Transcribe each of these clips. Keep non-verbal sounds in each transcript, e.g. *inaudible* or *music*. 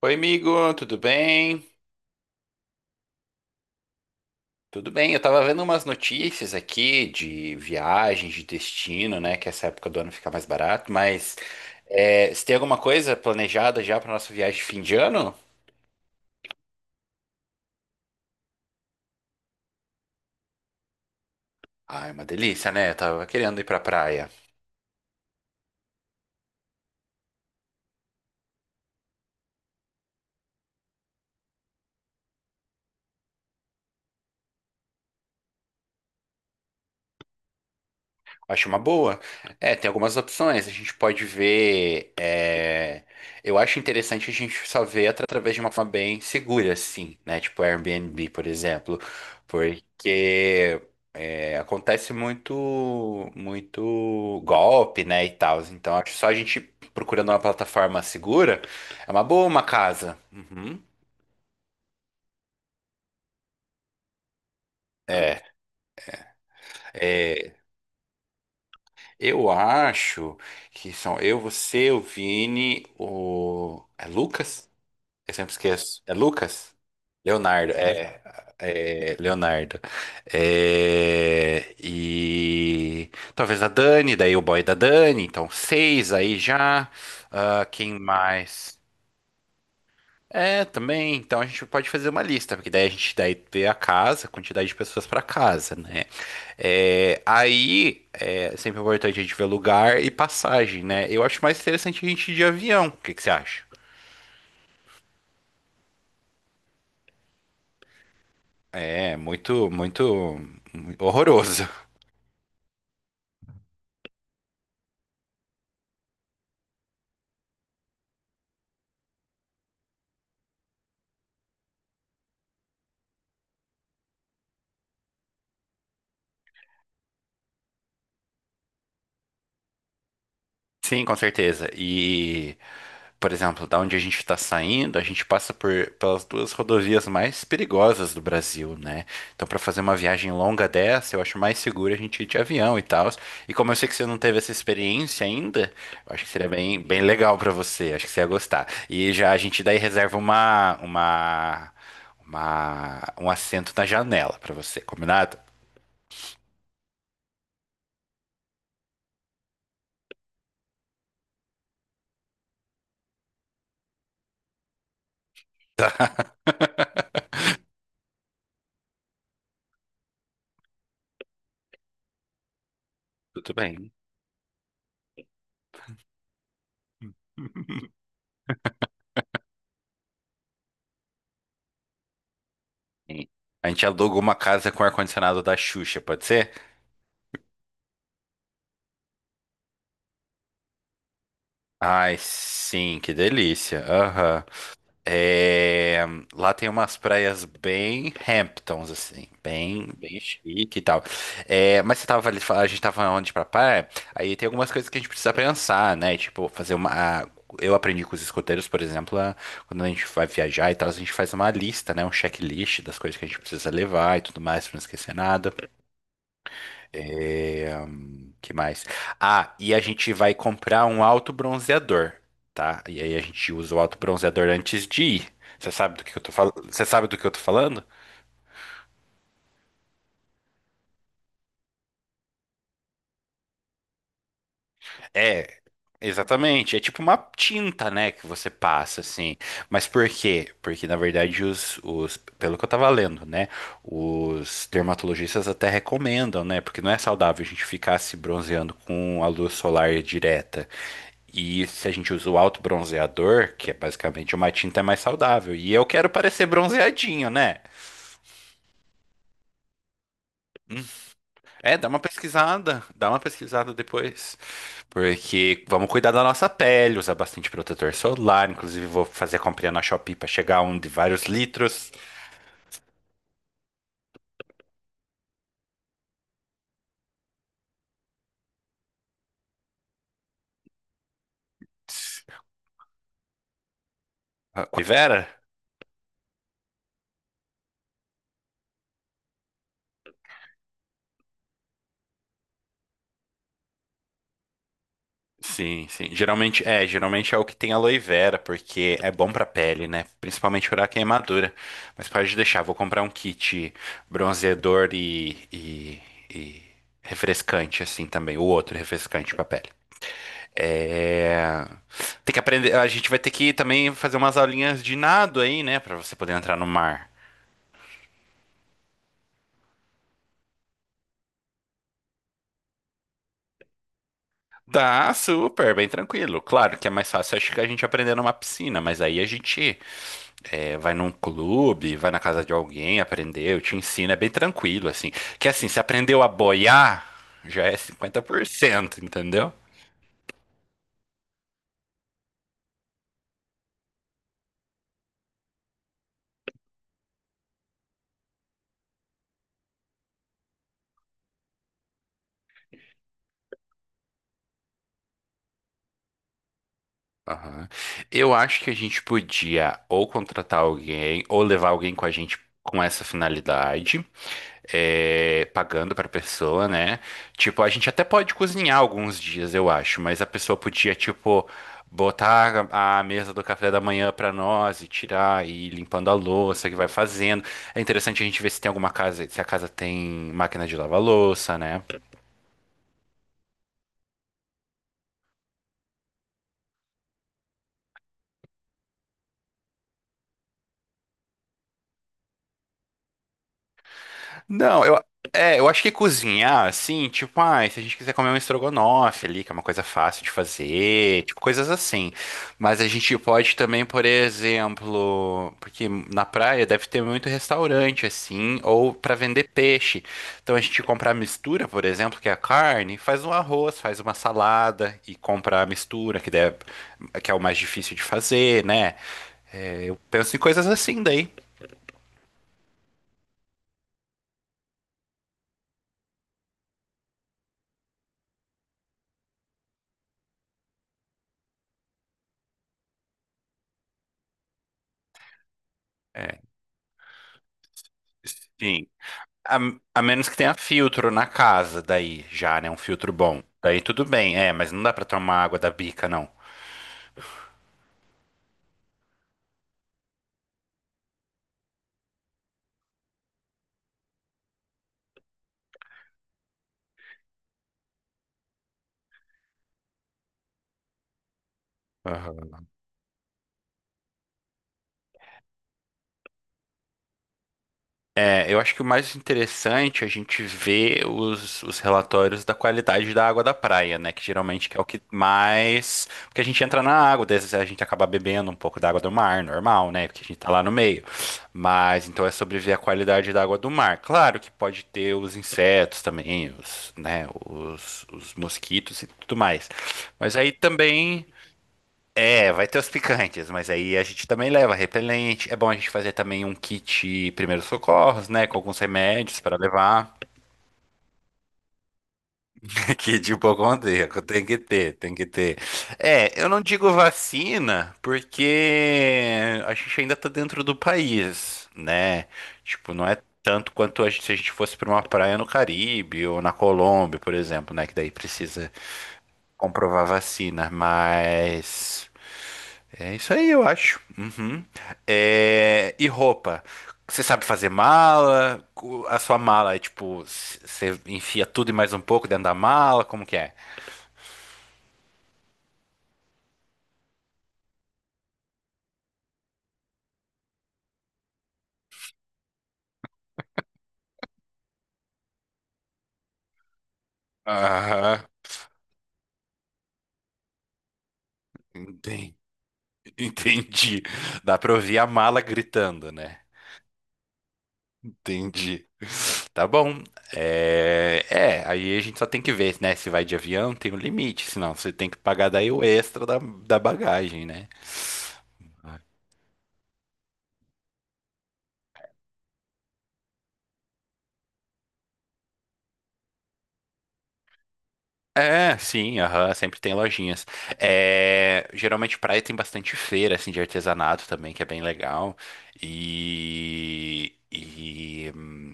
Oi, amigo, tudo bem? Tudo bem, eu tava vendo umas notícias aqui de viagens, de destino, né? Que essa época do ano fica mais barato, mas você tem alguma coisa planejada já pra nossa viagem de fim de ano? Ah, é uma delícia, né? Eu tava querendo ir pra praia. Acho uma boa. É, tem algumas opções. A gente pode ver. Eu acho interessante a gente só ver através de uma forma bem segura, assim, né? Tipo Airbnb, por exemplo. Porque. É, acontece muito golpe, né, e tal. Então, acho que só a gente procurando uma plataforma segura é uma boa uma casa. Uhum. É, é, eu acho que são eu, você, o Vini, o Lucas? Eu sempre esqueço. É Lucas? Leonardo, é Leonardo. É, e talvez a Dani, daí o boy da Dani, então seis aí já. Ah, quem mais? É, também. Então a gente pode fazer uma lista, porque daí a gente daí vê a casa, a quantidade de pessoas para casa, né? É, aí é sempre importante a gente ver lugar e passagem, né? Eu acho mais interessante a gente ir de avião. O que que você acha? É muito horroroso. Sim, com certeza. E, por exemplo, da onde a gente está saindo, a gente passa por pelas duas rodovias mais perigosas do Brasil, né? Então, para fazer uma viagem longa dessa, eu acho mais seguro a gente ir de avião e tal. E como eu sei que você não teve essa experiência ainda, eu acho que seria bem legal para você. Acho que você ia gostar. E já a gente daí reserva um assento na janela para você, combinado? Tudo bem. *laughs* Sim. A gente alugou uma casa com ar-condicionado da Xuxa, pode ser? Ai, sim, que delícia. Aham. É, lá tem umas praias bem Hamptons, assim, bem chique e tal. É, mas você tava ali, a gente tava onde pra praia, aí tem algumas coisas que a gente precisa pensar, né? Tipo, fazer uma. a- Eu aprendi com os escoteiros, por exemplo, quando a gente vai viajar e tal, a gente faz uma lista, né? Um checklist das coisas que a gente precisa levar e tudo mais, pra não esquecer nada. É, que mais? Ah, e a gente vai comprar um autobronzeador, tá? E aí a gente usa o autobronzeador antes de ir. Você sabe do que eu tô falando? Você sabe do que eu tô falando? É, exatamente. É tipo uma tinta, né, que você passa assim. Mas por quê? Porque na verdade pelo que eu tava lendo, né, os dermatologistas até recomendam, né, porque não é saudável a gente ficar se bronzeando com a luz solar direta. E se a gente usa o alto bronzeador, que é basicamente uma tinta mais saudável. E eu quero parecer bronzeadinho, né? É, dá uma pesquisada depois. Porque vamos cuidar da nossa pele, usar bastante protetor solar. Inclusive, vou fazer a comprinha na Shopee pra chegar a um de vários litros. Ah, oi, Vera? Sim, sim. Geralmente é o que tem aloe vera, porque é bom pra pele, né? Principalmente pra queimadura. Mas pode deixar, vou comprar um kit bronzeador e refrescante assim também, o outro refrescante pra pele. É... Tem que aprender, a gente vai ter que também fazer umas aulinhas de nado aí, né, pra você poder entrar no mar. Tá super, bem tranquilo. Claro que é mais fácil, acho que a gente aprender numa piscina, mas aí a gente vai num clube, vai na casa de alguém, aprendeu, te ensina, é bem tranquilo, assim. Que assim, se aprendeu a boiar, já é 50%, entendeu? Aham. Eu acho que a gente podia ou contratar alguém ou levar alguém com a gente com essa finalidade, pagando para pessoa, né? Tipo, a gente até pode cozinhar alguns dias, eu acho, mas a pessoa podia, tipo, botar a mesa do café da manhã para nós e tirar e ir limpando a louça que vai fazendo. É interessante a gente ver se tem alguma casa, se a casa tem máquina de lavar louça, né? Não, eu, é, eu acho que cozinhar, assim, tipo, ah, se a gente quiser comer um estrogonofe ali, que é uma coisa fácil de fazer, tipo, coisas assim. Mas a gente pode também, por exemplo, porque na praia deve ter muito restaurante, assim, ou pra vender peixe. Então a gente compra a mistura, por exemplo, que é a carne, faz um arroz, faz uma salada e compra a mistura, que é o mais difícil de fazer, né? É, eu penso em coisas assim daí. É, sim. A, a menos que tenha filtro na casa, daí já, né? Um filtro bom. Daí tudo bem, é, mas não dá pra tomar água da bica, não. É, eu acho que o mais interessante é a gente ver os relatórios da qualidade da água da praia, né? Que geralmente é o que mais. Porque a gente entra na água, daí às vezes a gente acaba bebendo um pouco da água do mar, normal, né? Porque a gente tá lá no meio. Mas então é sobre ver a qualidade da água do mar. Claro que pode ter os insetos também, os, né? Os mosquitos e tudo mais. Mas aí também. É, vai ter os picantes, mas aí a gente também leva repelente. É bom a gente fazer também um kit primeiros socorros, né? Com alguns remédios para levar. *laughs* Kit de hipocondríaco, tem que ter, tem que ter. É, eu não digo vacina, porque a gente ainda tá dentro do país, né? Tipo, não é tanto quanto se a gente fosse para uma praia no Caribe ou na Colômbia, por exemplo, né? Que daí precisa comprovar vacina, mas. É isso aí, eu acho. Uhum. É, e roupa? Você sabe fazer mala? A sua mala é tipo, você enfia tudo e mais um pouco dentro da mala? Como que é? Aham, enten- entendi. Dá pra ouvir a mala gritando, né? Entendi. Tá bom. É... é, aí a gente só tem que ver, né? Se vai de avião, tem um limite, senão você tem que pagar daí o extra da bagagem, né? É, sim, aham, sempre tem lojinhas. É, geralmente praia tem bastante feira assim de artesanato também, que é bem legal. E, e hum,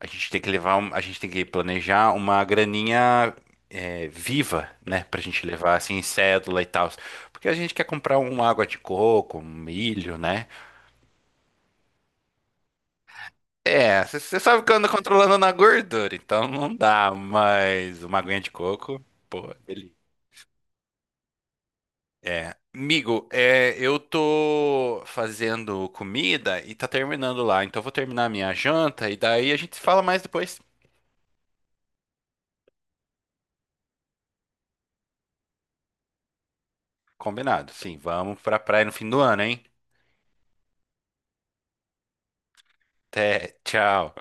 a gente tem que levar, a gente tem que planejar uma graninha viva, né, pra gente levar assim em cédula e tal, porque a gente quer comprar uma água de coco, um milho, né? É, você sabe que eu ando controlando na gordura, então não dá, mas uma aguinha de coco, pô, é É, amigo, é, eu tô fazendo comida e tá terminando lá, então eu vou terminar a minha janta e daí a gente se fala mais depois. Combinado, sim, vamos pra praia no fim do ano, hein? Até, tchau.